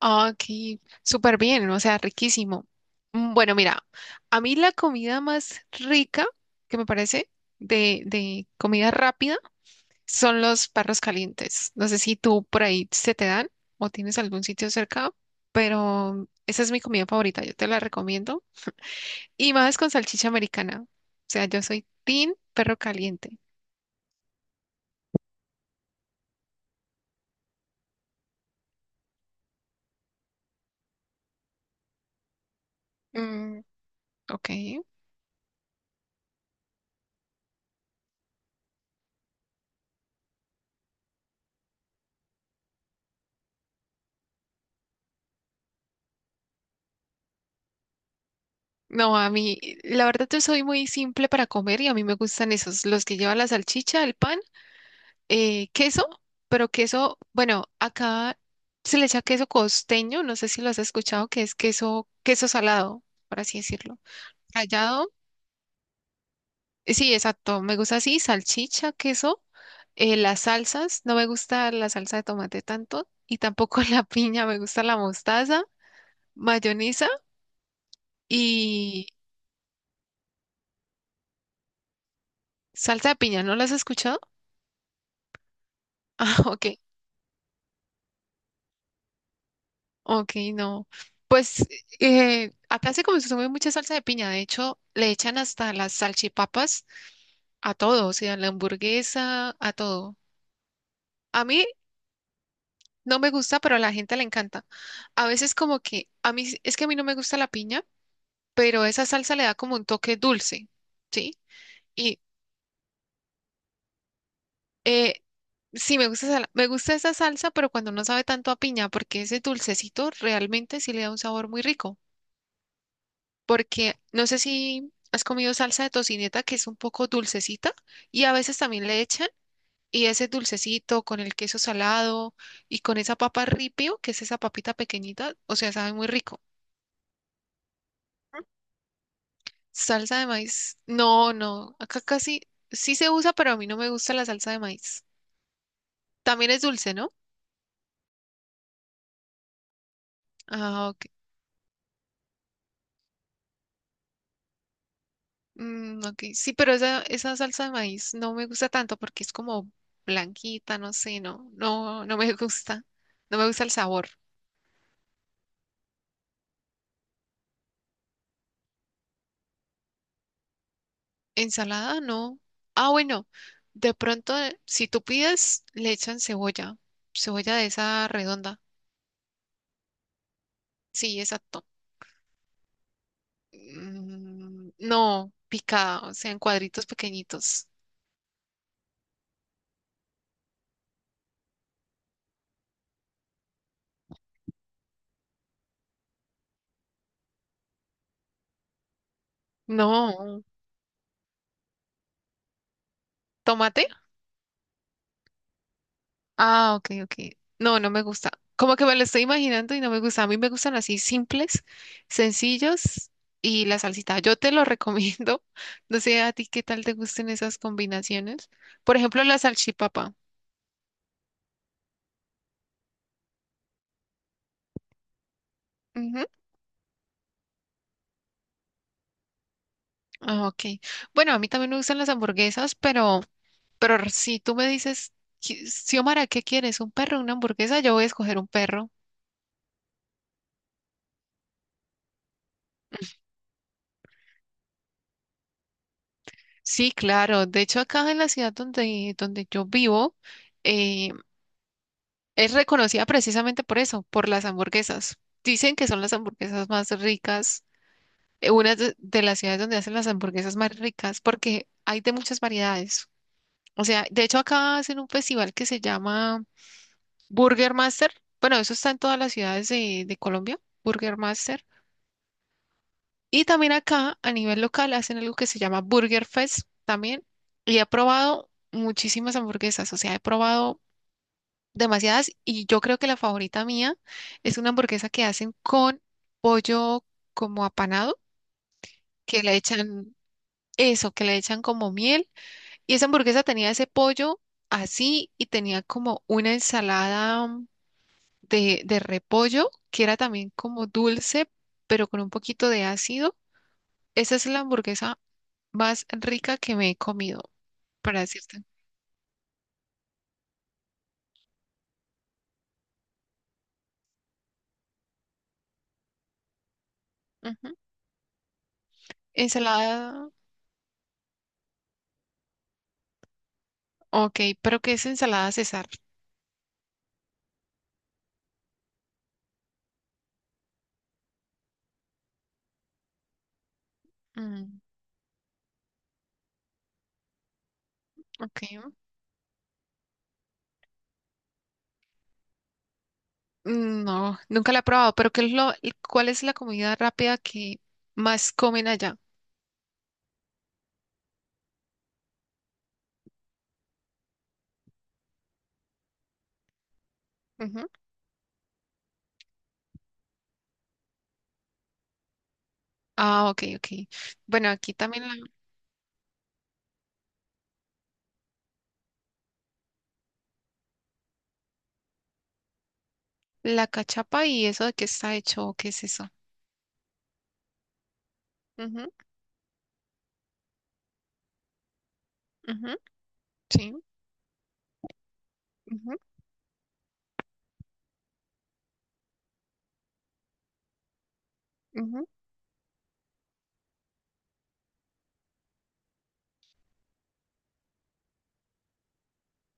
Ah, ok, súper bien, o sea, riquísimo. Bueno, mira, a mí la comida más rica que me parece de comida rápida son los perros calientes. No sé si tú por ahí se te dan o tienes algún sitio cerca, pero esa es mi comida favorita, yo te la recomiendo. Y más con salchicha americana. O sea, yo soy team perro caliente. Mm, ok. No, a mí, la verdad yo soy muy simple para comer y a mí me gustan esos, los que llevan la salchicha, el pan, queso, pero queso, bueno, acá se le echa queso costeño, no sé si lo has escuchado, que es queso, queso salado, por así decirlo. Rallado, sí, exacto, me gusta así, salchicha, queso, las salsas, no me gusta la salsa de tomate tanto y tampoco la piña, me gusta la mostaza, mayonesa y salsa de piña, ¿no la has escuchado? Ah, ok. Ok, no. Pues acá se consume mucha salsa de piña. De hecho, le echan hasta las salchipapas a todo, o sea, la hamburguesa, a todo. A mí no me gusta, pero a la gente le encanta. A veces como que, a mí, sí, es que a mí no me gusta la piña, pero esa salsa le da como un toque dulce, ¿sí? Y eh, sí, me gusta, me gusta esa salsa, pero cuando no sabe tanto a piña, porque ese dulcecito realmente sí le da un sabor muy rico. Porque no sé si has comido salsa de tocineta, que es un poco dulcecita, y a veces también le echan, y ese dulcecito con el queso salado y con esa papa ripio, que es esa papita pequeñita, o sea, sabe muy rico. Salsa de maíz, no, no, acá casi sí se usa, pero a mí no me gusta la salsa de maíz. También es dulce, ¿no? Ah, ok. Ok, sí, pero esa salsa de maíz no me gusta tanto porque es como blanquita, no sé, no me gusta, no me gusta el sabor. Ensalada, no. Ah, bueno, de pronto, si tú pides, le echan cebolla, cebolla de esa redonda. Sí, exacto. Mm, no, picada, o sea, en cuadritos pequeñitos. No, tomate. Ah, ok, ok. No, no me gusta. Como que me lo estoy imaginando y no me gusta. A mí me gustan así simples, sencillos y la salsita. Yo te lo recomiendo. No sé a ti qué tal te gusten esas combinaciones. Por ejemplo, la salchipapa. Ujú. Ah, ok. Bueno, a mí también me gustan las hamburguesas, pero si tú me dices: Xiomara, ¿qué quieres? ¿Un perro o una hamburguesa?". Yo voy a escoger un perro. Sí, claro. De hecho, acá en la ciudad donde, donde yo vivo, eh, es reconocida precisamente por eso, por las hamburguesas. Dicen que son las hamburguesas más ricas, una de las ciudades donde hacen las hamburguesas más ricas, porque hay de muchas variedades. O sea, de hecho acá hacen un festival que se llama Burger Master, bueno, eso está en todas las ciudades de Colombia, Burger Master. Y también acá, a nivel local, hacen algo que se llama Burger Fest también. Y he probado muchísimas hamburguesas, o sea, he probado demasiadas, y yo creo que la favorita mía es una hamburguesa que hacen con pollo como apanado, que le echan eso, que le echan como miel. Y esa hamburguesa tenía ese pollo así, y tenía como una ensalada de repollo, que era también como dulce, pero con un poquito de ácido. Esa es la hamburguesa más rica que me he comido, para decirte. Ujú. Ensalada, ok, pero ¿qué es ensalada César? Mm, ok. No, nunca la he probado, pero ¿qué es lo, cuál es la comida rápida que más comen allá? Ujú. Ah, ok, ok. Bueno, aquí también la cachapa, y eso de qué está hecho, qué es eso. Ujú, ujú, sí. Ujú, ujú,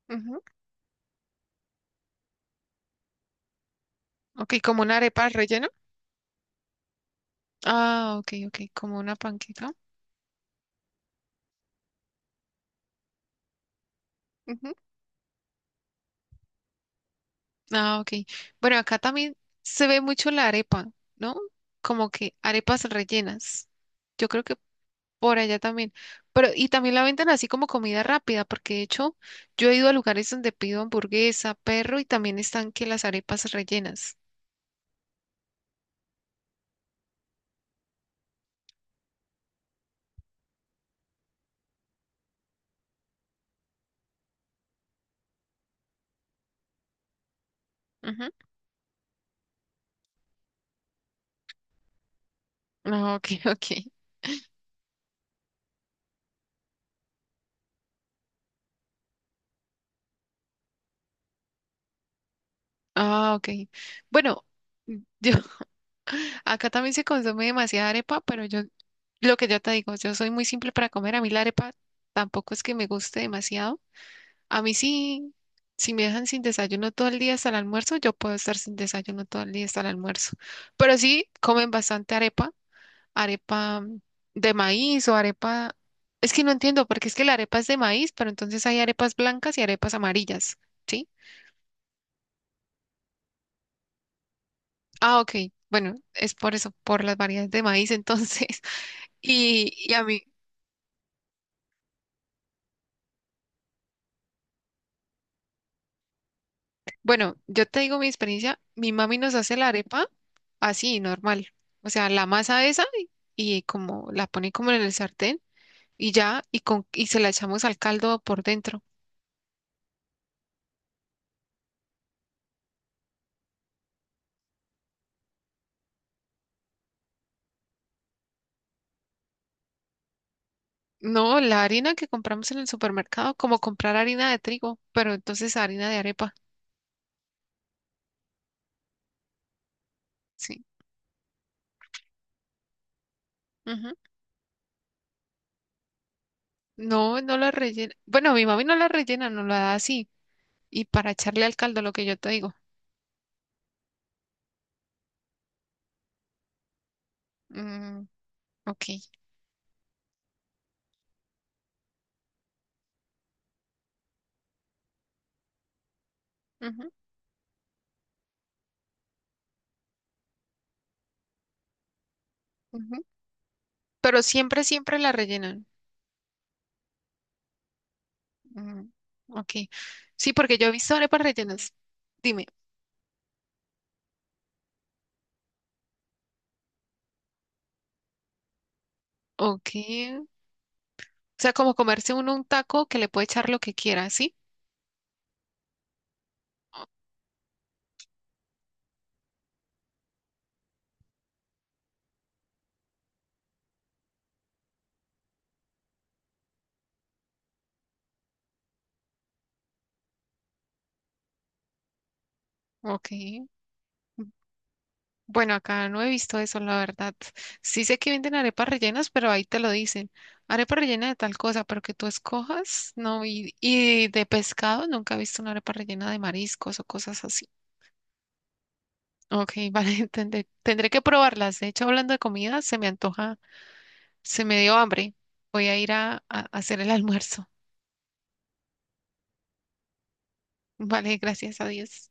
ujú. Ok, como una arepa al relleno. Ah, ok, ok, como una panqueca. Ujú. Ah, ok. Bueno, acá también se ve mucho la arepa, ¿no? Como que arepas rellenas. Yo creo que por allá también. Pero, y también la venden así como comida rápida, porque de hecho yo he ido a lugares donde pido hamburguesa, perro, y también están que las arepas rellenas. Ujú. Ah, ok, ok. Ah, ok. Bueno, yo acá también se consume demasiada arepa, pero yo, lo que yo te digo, yo soy muy simple para comer. A mí la arepa tampoco es que me guste demasiado. A mí sí, si me dejan sin desayuno todo el día hasta el almuerzo, yo puedo estar sin desayuno todo el día hasta el almuerzo. Pero sí comen bastante arepa, arepa de maíz o arepa... Es que no entiendo, porque es que la arepa es de maíz, pero entonces hay arepas blancas y arepas amarillas, ¿sí? Ah, ok. Bueno, es por eso, por las variedades de maíz entonces. Y a mí... Bueno, yo te digo mi experiencia, mi mami nos hace la arepa así, normal. O sea, la masa esa, y como la pone como en el sartén y ya, y con, y se la echamos al caldo por dentro. No, la harina que compramos en el supermercado, como comprar harina de trigo, pero entonces harina de arepa, sí. Ujú. No, no la rellena. Bueno, mi mami no la rellena, no la da así. Y para echarle al caldo, lo que yo te digo. Mm, ok. Ujú, ujú. Pero siempre, siempre la rellenan. Mm, ok. Sí, porque yo he visto arepas rellenas. Dime, ok. O sea, como comerse uno un taco, que le puede echar lo que quiera, ¿sí? Ok. Bueno, acá no he visto eso, la verdad. Sí sé que venden arepas rellenas, pero ahí te lo dicen. Arepa rellena de tal cosa, pero que tú escojas, no. Y de pescado, nunca he visto una arepa rellena de mariscos o cosas así. Ok, vale, tendré, tendré que probarlas. De hecho, hablando de comida, se me antoja, se me dio hambre. Voy a ir a hacer el almuerzo. Vale, gracias a Dios.